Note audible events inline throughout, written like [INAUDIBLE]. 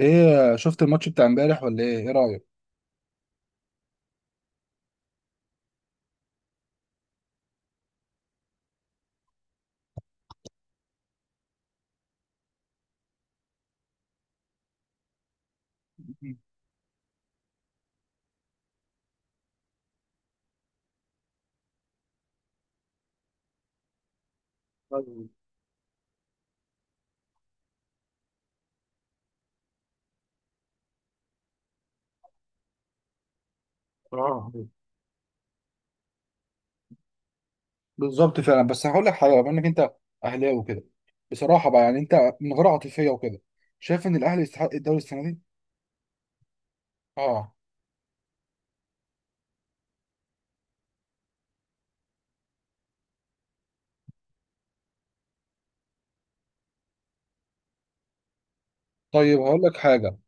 ايه شفت الماتش بتاع امبارح ولا ايه رايك؟ طيب. اه، ايوه. بالظبط فعلا، بس هقول لك حاجه، بما انك انت اهلاوي وكده، بصراحه بقى يعني انت من غير عاطفيه وكده، شايف ان الاهلي يستحق الدوري السنه دي؟ اه. طيب هقول لك حاجه.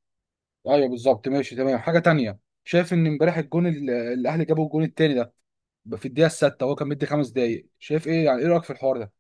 ايوه بالظبط، ماشي تمام. حاجه تانية، شايف ان امبارح الجون الاهلي جابه الجون التاني ده في الدقيقه السادسه وهو كان مدي 5 دقايق، شايف ايه؟ يعني ايه رايك في الحوار ده؟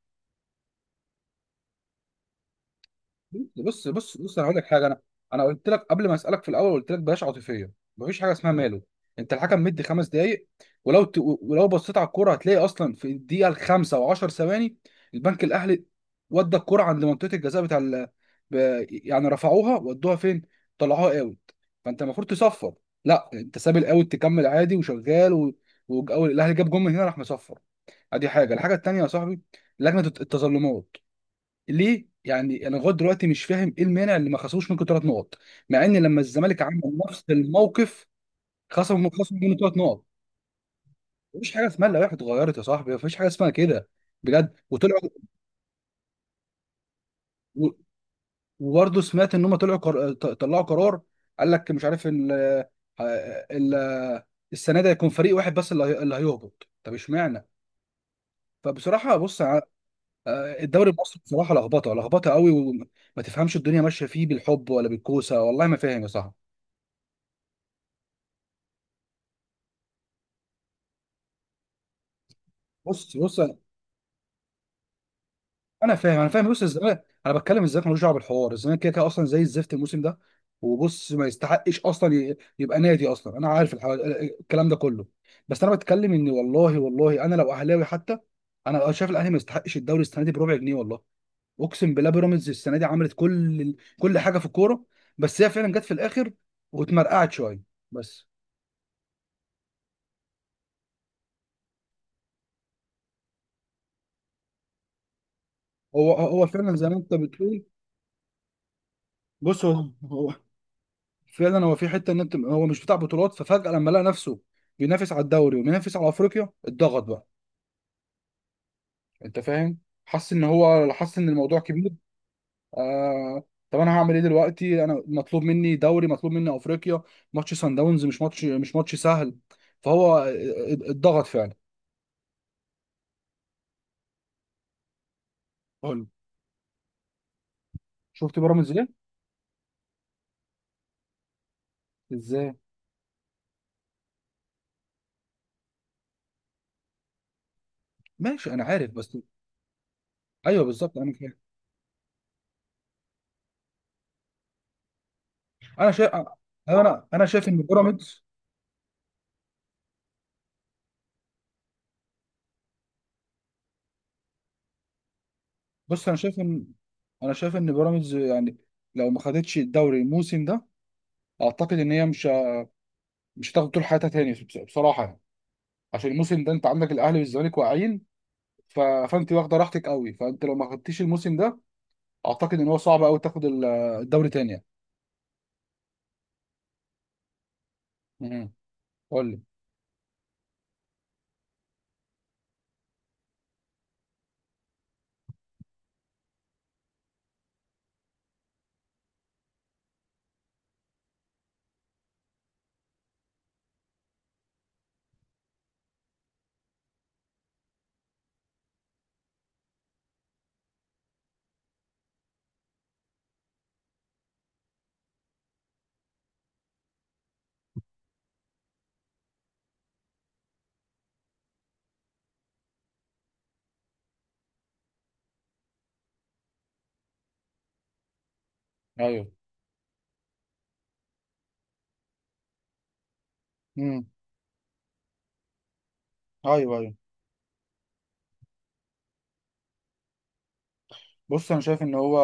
بص انا هقول لك حاجه. انا قلت لك قبل ما اسالك في الاول، قلت لك بلاش عاطفيه. مفيش حاجه اسمها ماله. انت الحكم مدي 5 دقائق، ولو بصيت على الكوره هتلاقي اصلا في الدقيقه الخامسه و10 ثواني البنك الاهلي ودى الكوره عند منطقه الجزاء بتاع ب... يعني رفعوها ودوها فين؟ طلعوها اوت. فانت المفروض تصفر. لا، انت ساب الاوت تكمل عادي وشغال الاهلي جاب جون من هنا راح مصفر. ادي حاجه. الحاجه التانيه يا صاحبي، لجنه التظلمات. ليه؟ يعني انا لغايه دلوقتي مش فاهم ايه المانع اللي ما خصموش منكم 3 نقط، مع ان لما الزمالك عمل نفس الموقف خصموا منه 3 نقط. مفيش حاجه اسمها اللوائح اتغيرت يا صاحبي، مفيش حاجه اسمها كده بجد. وطلعوا، و- وبرضه سمعت ان هم طلعوا طلعوا قرار، قال لك مش عارف ال... السنه دي هيكون فريق واحد بس اللي هيهبط. طب اشمعنى؟ فبصراحه بص، الدوري المصري بصراحه لخبطه لخبطه قوي، وما تفهمش الدنيا ماشيه فيه بالحب ولا بالكوسه. والله ما فاهم يا صاحبي. بص، انا فاهم. بص الزمالك، انا بتكلم الزمالك، ملوش دعوه بالحوار. الزمالك كده كده اصلا زي الزفت الموسم ده، وبص ما يستحقش اصلا يبقى نادي اصلا، انا عارف الكلام ده كله. بس انا بتكلم ان، والله والله انا لو اهلاوي حتى، انا شايف الاهلي ما يستحقش الدوري السنه دي بربع جنيه. والله اقسم بالله، بيراميدز السنه دي عملت كل كل حاجه في الكوره، بس هي فعلا جت في الاخر واتمرقعت شويه بس. هو هو فعلا زي ما انت بتقول. بص، هو هو فعلا، هو في حته ان انت هو مش بتاع بطولات، ففجاه لما لقى نفسه بينافس على الدوري وبينافس على افريقيا، اتضغط بقى. انت فاهم؟ حس ان هو حس ان الموضوع كبير. آه. طب انا هعمل ايه دلوقتي؟ انا مطلوب مني دوري، مطلوب مني افريقيا، ماتش سان داونز مش ماتش سهل، فهو اتضغط فعلا. قول لي، شفت بيراميدز ليه. ازاي؟ ماشي انا عارف، بس ايوه بالظبط انا فاهم. انا شايف، انا شايف ان بيراميدز، بص انا شايف ان، انا شايف ان بيراميدز يعني لو ما خدتش الدوري الموسم ده، اعتقد ان هي مش هتاخد طول حياتها تاني، بصراحه يعني. عشان الموسم ده انت عندك الاهلي والزمالك واقعين، فانت واخده راحتك قوي، فانت لو ما خدتيش الموسم ده اعتقد ان هو صعب قوي تاخد الدوري تاني يعني. امم قول لي. ايوه. امم. ايوه، ايوه. بص انا شايف ان هو،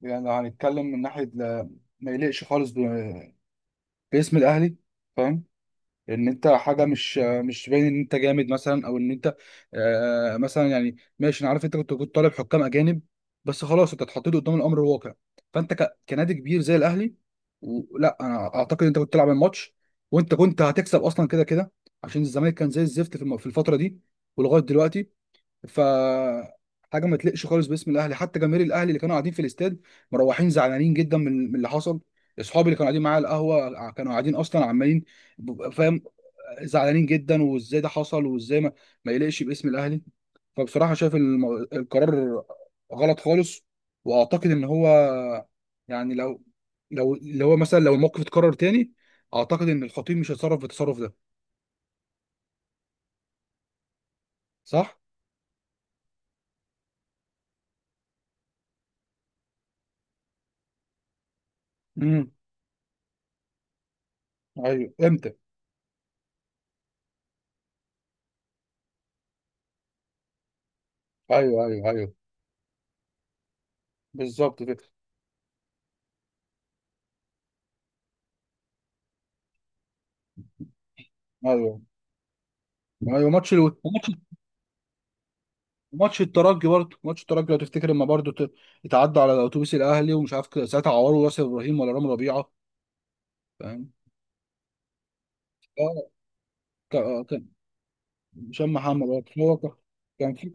يعني لو هنتكلم من ناحيه ما يليقش خالص باسم الاهلي. فاهم؟ ان انت حاجه مش باين ان انت جامد مثلا، او ان انت، آه مثلا، يعني ماشي انا عارف انت كنت طالب حكام اجانب، بس خلاص انت اتحطيت قدام الامر الواقع. فانت كنادي كبير زي الاهلي، لا انا اعتقد انت كنت تلعب الماتش، وانت كنت هتكسب اصلا كده كده عشان الزمالك كان زي الزفت في في الفتره دي ولغايه دلوقتي. ف حاجه ما تليقش خالص باسم الاهلي. حتى جماهير الاهلي اللي كانوا قاعدين في الاستاد مروحين زعلانين جدا من اللي حصل. اصحابي اللي كانوا قاعدين معايا على القهوه كانوا قاعدين اصلا عمالين فاهم، زعلانين جدا، وازاي ده حصل، وازاي ما يليقش باسم الاهلي. فبصراحه شايف القرار غلط خالص، واعتقد ان هو يعني لو، لو اللي هو مثلا لو الموقف اتكرر تاني، اعتقد ان الخطيب مش هيتصرف بالتصرف ده. صح؟ امم. ايوه، امتى؟ ايوه، ايوه، ايوه، بالظبط كده. ايوه، ايوه، ماتش ماتش، ماتش الترجي برضه، ماتش الترجي لو تفتكر، لما برضه اتعدى على اتوبيس الاهلي ومش عارف كده، ساعتها عوروا ياسر ابراهيم ولا رامي ربيعه، فاهم. آه، كان هشام محمد برضه، هو كان في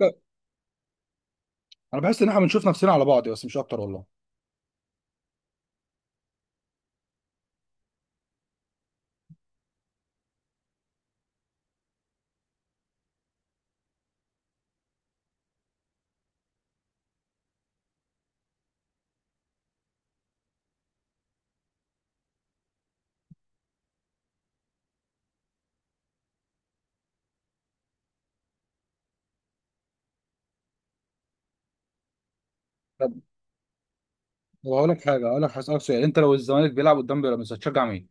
انا بحس ان احنا بنشوف نفسنا على بعض بس، مش اكتر والله. طب، طب هقول لك حاجه، هقول لك، هسألك سؤال: انت لو الزمالك بيلعب قدام بيراميدز هتشجع مين؟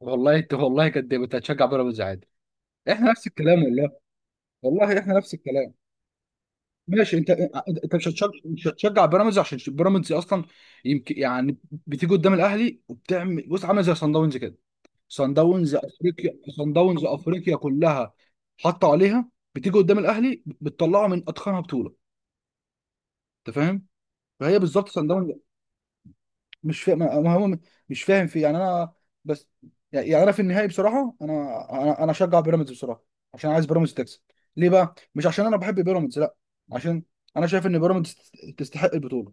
والله انت والله كداب، انت هتشجع بيراميدز عادي. احنا نفس الكلام والله، والله احنا نفس الكلام. ماشي، انت انت مش هتشجع، مش هتشجع بيراميدز عشان بيراميدز اصلا يمكن يعني بتيجي قدام الاهلي وبتعمل، بص عامله زي صن داونز كده. صن داونز افريقيا، صن داونز افريقيا كلها حطوا عليها، بتيجي قدام الاهلي بتطلعه من اتخنها بطوله. انت فاهم؟ فهي بالظبط صن داونز. مش فاهم، ما هو مش فاهم في، يعني انا، بس يعني انا في النهائي بصراحه، انا، انا اشجع بيراميدز بصراحه عشان عايز بيراميدز تكسب. ليه بقى؟ مش عشان انا بحب بيراميدز، لا، عشان انا شايف ان بيراميدز تستحق البطوله.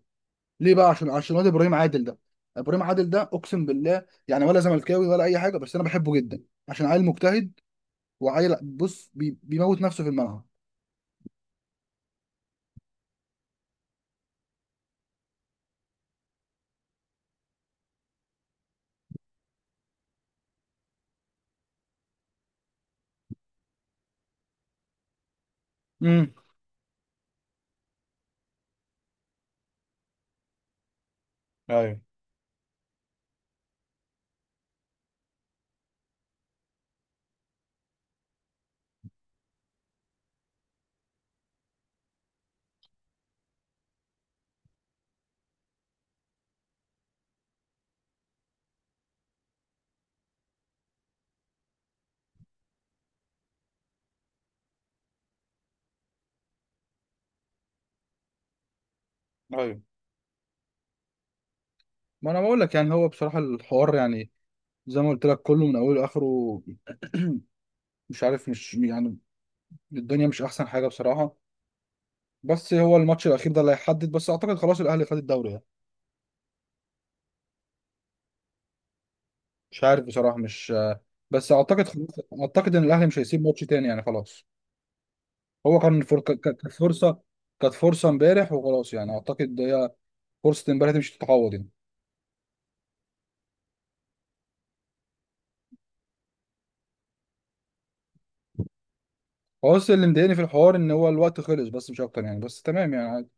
ليه بقى؟ عشان عشان واد ابراهيم عادل ده. ابراهيم عادل ده، اقسم بالله يعني، ولا زملكاوي ولا اي حاجه، بس انا بحبه جدا عشان عيل مجتهد، وعيل بص بيموت نفسه في الملعب. امم. ايوه، ايوه. ما انا بقول لك يعني، هو بصراحه الحوار يعني زي ما قلت لك كله من اوله لاخره، مش عارف، مش يعني، الدنيا مش احسن حاجه بصراحه. بس هو الماتش الاخير ده اللي هيحدد، بس اعتقد خلاص الاهلي خد الدوري يعني. مش عارف بصراحه، مش، بس اعتقد خلاص. اعتقد ان الاهلي مش هيسيب ماتش تاني يعني، خلاص. هو كان كانت فرصه، كانت فرصه امبارح وخلاص يعني، اعتقد هي فرصه امبارح دي مش هتتعوض يعني. هو بس اللي مضايقني في الحوار ان هو الوقت خلص بس، مش اكتر يعني، بس تمام يعني عادي.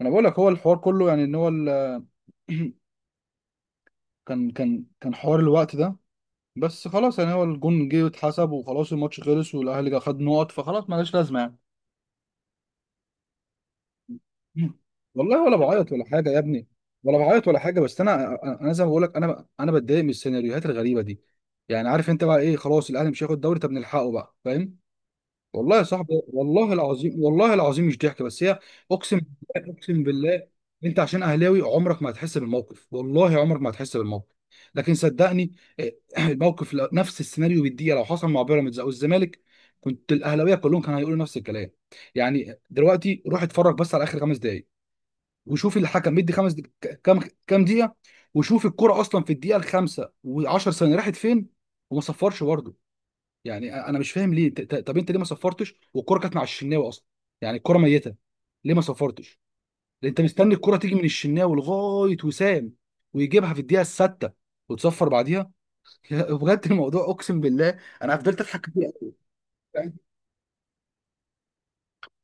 انا بقول لك هو الحوار كله يعني ان هو [CLEARS THROAT] كان كان حوار الوقت ده، بس خلاص يعني هو الجون جه واتحسب وخلاص، الماتش خلص والاهلي جا خد نقط، فخلاص مالهاش لازمه يعني. [CLEARS THROAT] والله ولا بعيط ولا حاجه يا ابني، ولا بعيط ولا حاجه، بس انا انا زي ما بقول لك، انا بتضايق من السيناريوهات الغريبه دي. يعني عارف انت بقى ايه؟ خلاص الاهلي مش هياخد دوري، طب نلحقه بقى. فاهم؟ والله يا صاحبي، والله العظيم، والله العظيم مش ضحك بس هي. اقسم بالله، اقسم بالله. انت عشان اهلاوي عمرك ما هتحس بالموقف، والله عمرك ما هتحس بالموقف. لكن صدقني، إيه، [CLEARS THROAT] الموقف نفس السيناريو بالدقيقه لو حصل مع بيراميدز او الزمالك، كنت الاهلاويه كلهم كانوا هيقولوا نفس الكلام. يعني دلوقتي روح اتفرج بس على اخر 5 دقائق، وشوف الحكم مدي كام كام دقيقه. وشوف الكرة اصلا في الدقيقه الخامسه و10 ثانيه راحت فين وما صفرش برضه. يعني انا مش فاهم ليه، طب انت ليه ما صفرتش والكرة كانت مع الشناوي اصلا؟ يعني الكرة ميتة، ليه ما صفرتش؟ لأن انت مستني الكرة تيجي من الشناوي لغاية وسام ويجيبها في الدقيقة السادسة وتصفر بعديها. [LAUGHS] يا، بجد الموضوع اقسم بالله انا فضلت اضحك فيه أوي.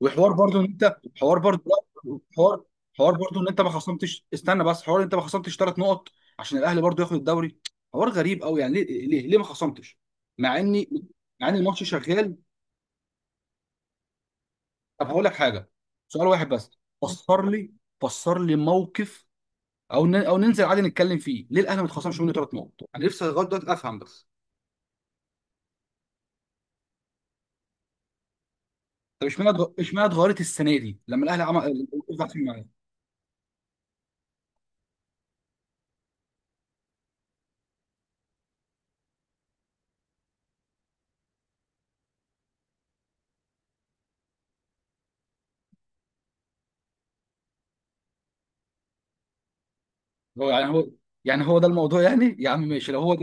وحوار برضو ان انت، حوار برضو، لا، حوار، حوار برضو ان انت ما خصمتش، استنى بس، حوار إن انت ما خصمتش 3 نقط عشان الاهلي برضو ياخد الدوري. حوار غريب قوي يعني، ليه، ليه ما خصمتش؟ مع اني، مع ان الماتش شغال. طب هقول لك حاجه، سؤال واحد بس، فسر لي، فسر لي موقف، او ننزل عادي نتكلم فيه: ليه الاهلي ما اتخصمش منه 3 نقط؟ انا نفسي لغايه دلوقتي افهم بس. طب اشمعنى اشمعنى اتغيرت السنه دي لما الاهلي عمل الوقت معايا؟ هو يعني، هو يعني هو ده الموضوع يعني؟ يا عم ماشي، لو هو ده،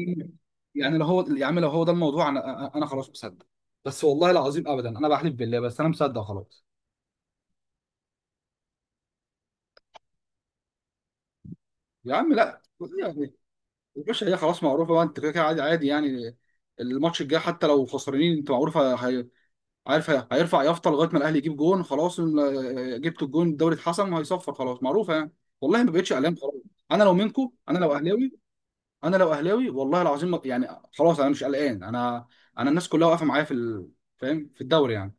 يعني لو هو، يا عم لو هو ده الموضوع، انا انا خلاص مصدق، بس والله العظيم ابدا، انا بحلف بالله، بس انا مصدق خلاص. يا عم لا، يعني الباشا هي خلاص معروفه بقى، انت كده كده عادي عادي يعني، الماتش الجاي حتى لو خسرانين انت معروفه. عارف، هيرفع يافطه لغايه ما الاهلي يجيب جون، خلاص جبت الجون، الدوري اتحسم، وهيصفر. خلاص معروفه يعني، والله ما بقتش قلقان خلاص. انا لو منكم، انا لو اهلاوي، انا لو اهلاوي والله العظيم يعني خلاص انا مش قلقان. انا، انا الناس كلها واقفه معايا في فاهم، في الدوري يعني.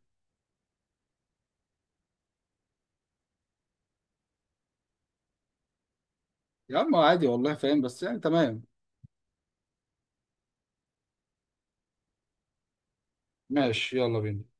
يا عم عادي، والله فاهم، بس يعني تمام. ماشي، يلا بينا.